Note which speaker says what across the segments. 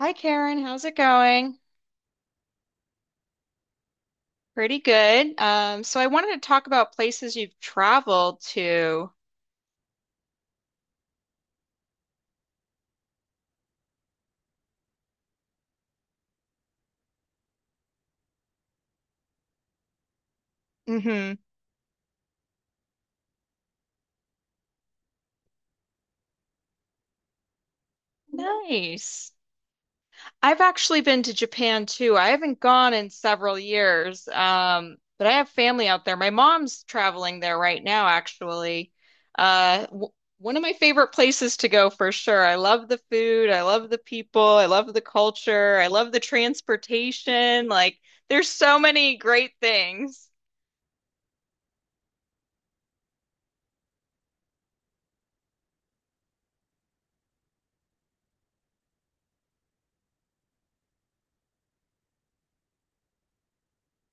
Speaker 1: Hi Karen, how's it going? Pretty good. So I wanted to talk about places you've traveled to. Hmm. Nice. I've actually been to Japan too. I haven't gone in several years, but I have family out there. My mom's traveling there right now, actually. W One of my favorite places to go for sure. I love the food. I love the people. I love the culture. I love the transportation. There's so many great things.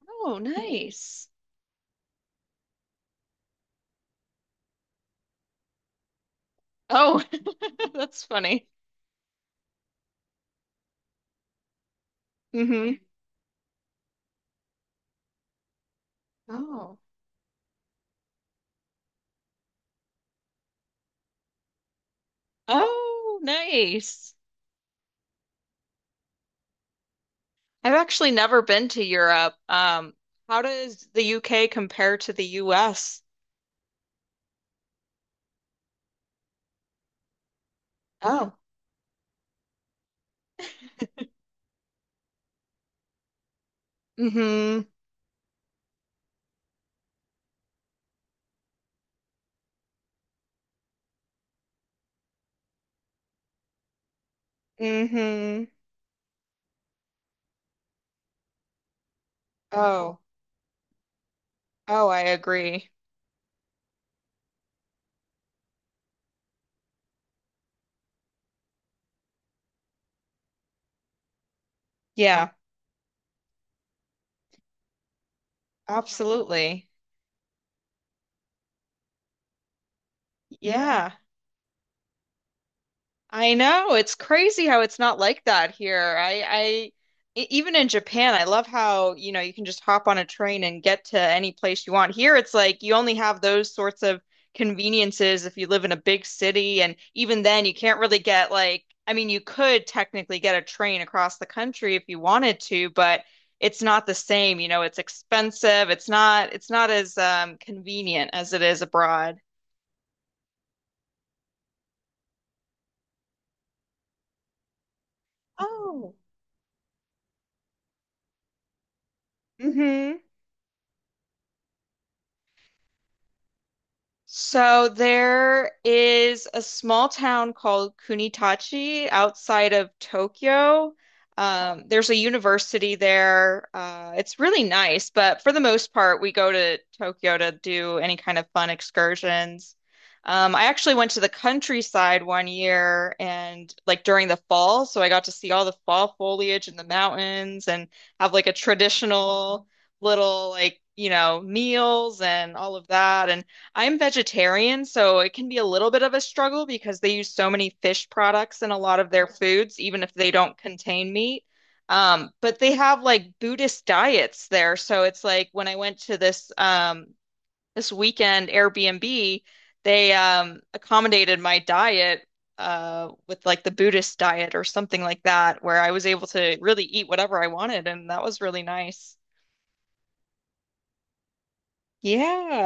Speaker 1: Oh, nice. Oh, that's funny. Hmm. Oh. Oh, nice. I've actually never been to Europe. How does the UK compare to the US? Oh. mm hmm mm hmm Oh. Oh, I agree. Yeah, absolutely. Yeah. Yeah. I know. It's crazy how it's not like that here. I even in Japan, I love how, you know, you can just hop on a train and get to any place you want. Here, it's like you only have those sorts of conveniences if you live in a big city, and even then, you can't really get like, I mean, you could technically get a train across the country if you wanted to, but it's not the same. You know, it's expensive. It's not as convenient as it is abroad. Oh. Hmm. So there is a small town called Kunitachi outside of Tokyo. There's a university there. It's really nice, but for the most part, we go to Tokyo to do any kind of fun excursions. I actually went to the countryside one year and like during the fall, so I got to see all the fall foliage in the mountains and have like a traditional little like, you know, meals and all of that. And I'm vegetarian, so it can be a little bit of a struggle because they use so many fish products in a lot of their foods, even if they don't contain meat. But they have like Buddhist diets there. So it's like when I went to this weekend Airbnb, they accommodated my diet with like the Buddhist diet or something like that, where I was able to really eat whatever I wanted, and that was really nice. Yeah,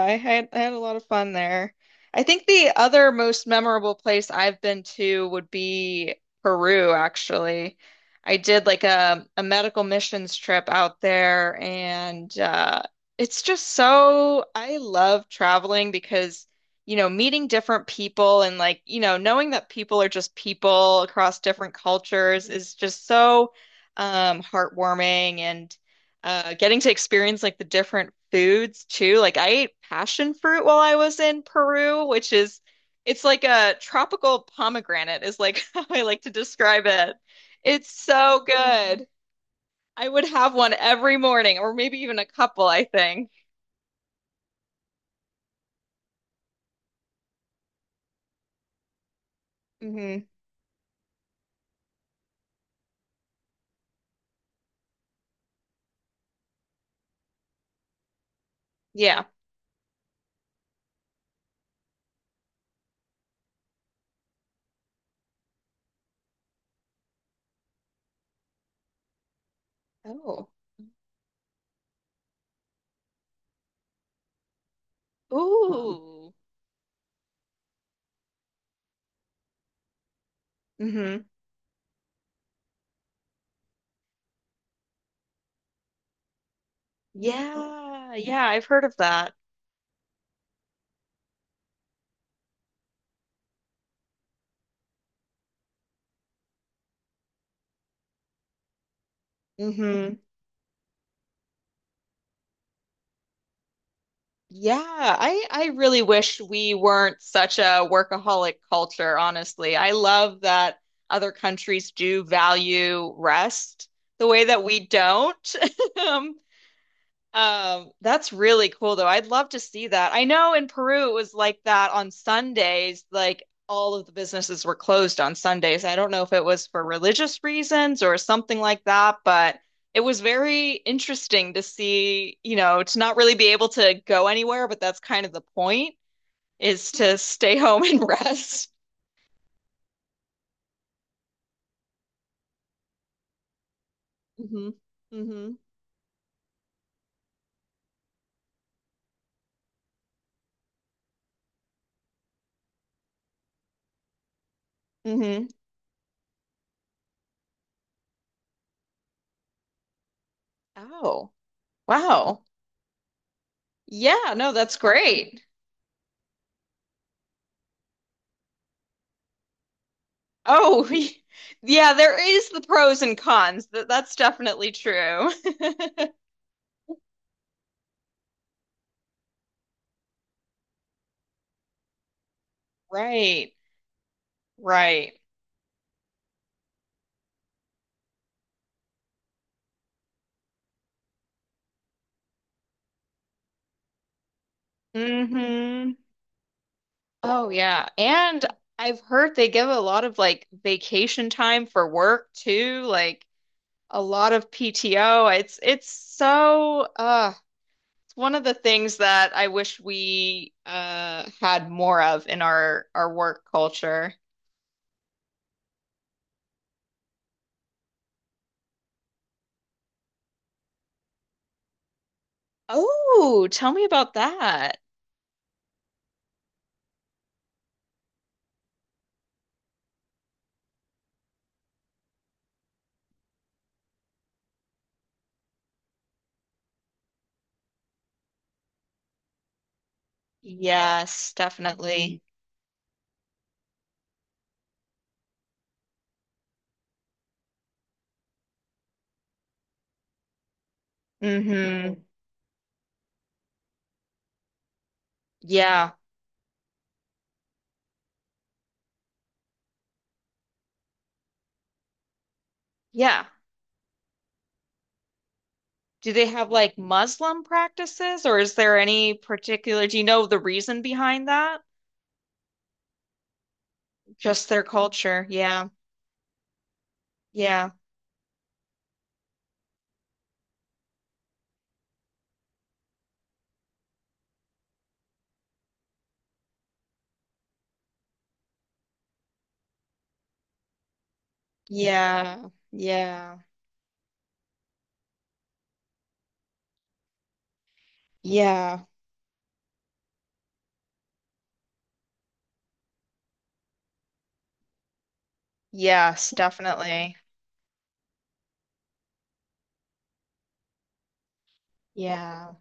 Speaker 1: I had a lot of fun there. I think the other most memorable place I've been to would be Peru, actually. I did like a medical missions trip out there, and it's just so I love traveling because, you know, meeting different people and like, you know, knowing that people are just people across different cultures is just so heartwarming and getting to experience like the different foods too. Like I ate passion fruit while I was in Peru, which is it's like a tropical pomegranate is like how I like to describe it. It's so good. I would have one every morning or maybe even a couple, I think. Hmm. Yeah. Oh. Ooh. Hmm. Yeah. Yeah, I've heard of that. Yeah, I really wish we weren't such a workaholic culture, honestly. I love that other countries do value rest the way that we don't. Um, that's really cool though. I'd love to see that. I know in Peru it was like that on Sundays, like all of the businesses were closed on Sundays. I don't know if it was for religious reasons or something like that, but it was very interesting to see, you know, to not really be able to go anywhere, but that's kind of the point is to stay home and rest. Hmm. Hmm. Hmm. Oh, wow. Yeah, no, that's great. Oh, yeah, there is the pros and cons. That's definitely true. Right. Right. Hmm. Oh yeah. And I've heard they give a lot of like vacation time for work too, like a lot of PTO. It's so it's one of the things that I wish we had more of in our work culture. Oh, tell me about that. Yes, definitely. Yeah. Yeah. Do they have like Muslim practices or is there any particular, do you know the reason behind that? Just their culture. Yeah. Yeah. Yeah. Yeah. Yeah. Yes, definitely. Yeah.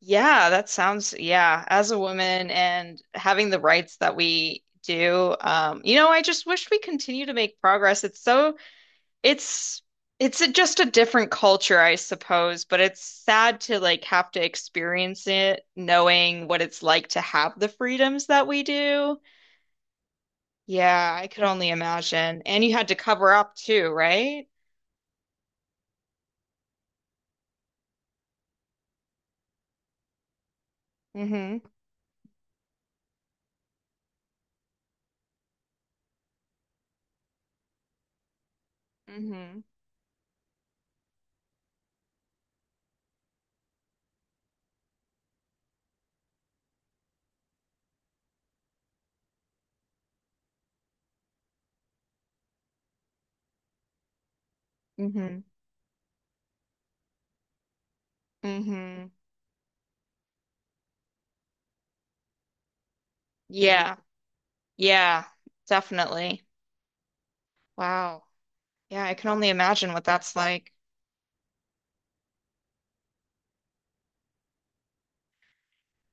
Speaker 1: Yeah, that sounds, yeah, as a woman and having the rights that we do, you know, I just wish we continue to make progress. It's so it's just a different culture, I suppose, but it's sad to like have to experience it knowing what it's like to have the freedoms that we do. Yeah, I could only imagine. And you had to cover up too, right? Hmm. Hmm. Hmm. Hmm. Yeah. Yeah, definitely. Wow. Yeah, I can only imagine what that's like.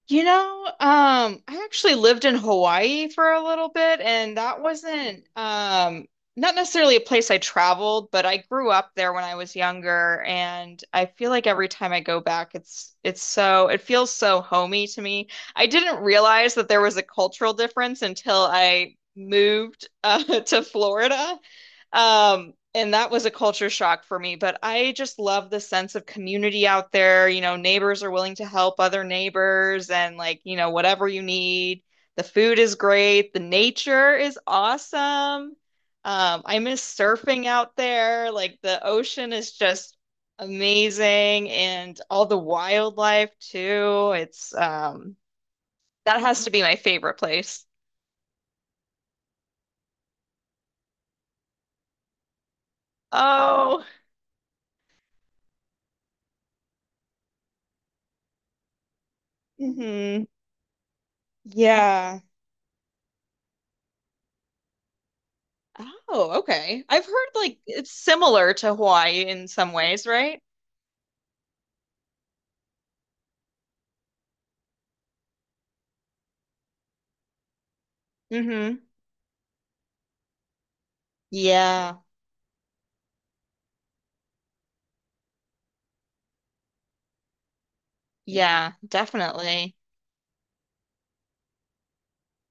Speaker 1: You know, I actually lived in Hawaii for a little bit, and that wasn't not necessarily a place I traveled, but I grew up there when I was younger, and I feel like every time I go back, it feels so homey to me. I didn't realize that there was a cultural difference until I moved to Florida, and that was a culture shock for me, but I just love the sense of community out there. You know, neighbors are willing to help other neighbors and like, you know, whatever you need. The food is great. The nature is awesome. I miss surfing out there. Like the ocean is just amazing and all the wildlife too. It's that has to be my favorite place. Oh. Hmm. Yeah. Oh, okay. I've heard like it's similar to Hawaii in some ways, right? Mm-hmm. Yeah. Yeah, definitely.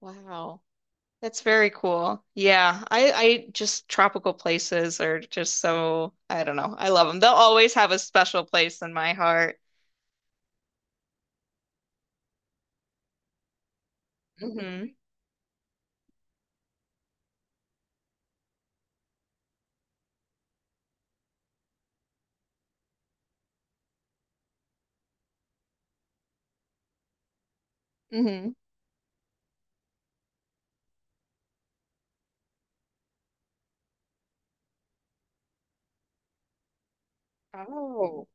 Speaker 1: Wow. That's very cool. Yeah. I just tropical places are just so I don't know. I love them. They'll always have a special place in my heart. Mm-hmm. Mm-hmm. Oh,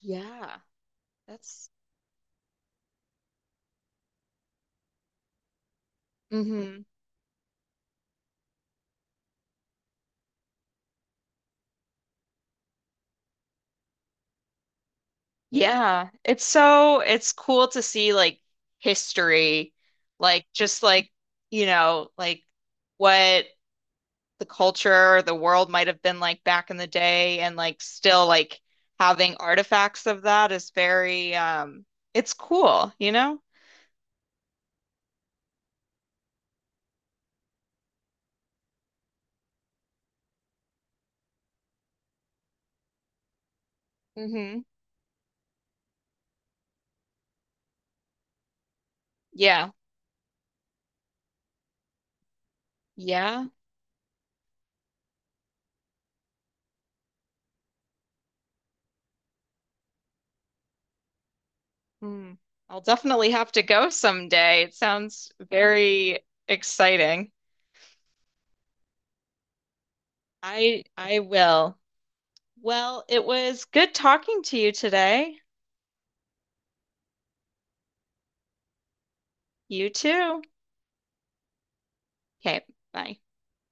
Speaker 1: yeah. That's hmm yeah, it's so it's cool to see like history, like just like, you know, like what the culture, the world might have been like back in the day and like still like having artifacts of that is very it's cool, you know? Hmm. Yeah. Yeah. Hmm. I'll definitely have to go someday. It sounds very exciting. I will. Well, it was good talking to you today. You too. Okay, bye.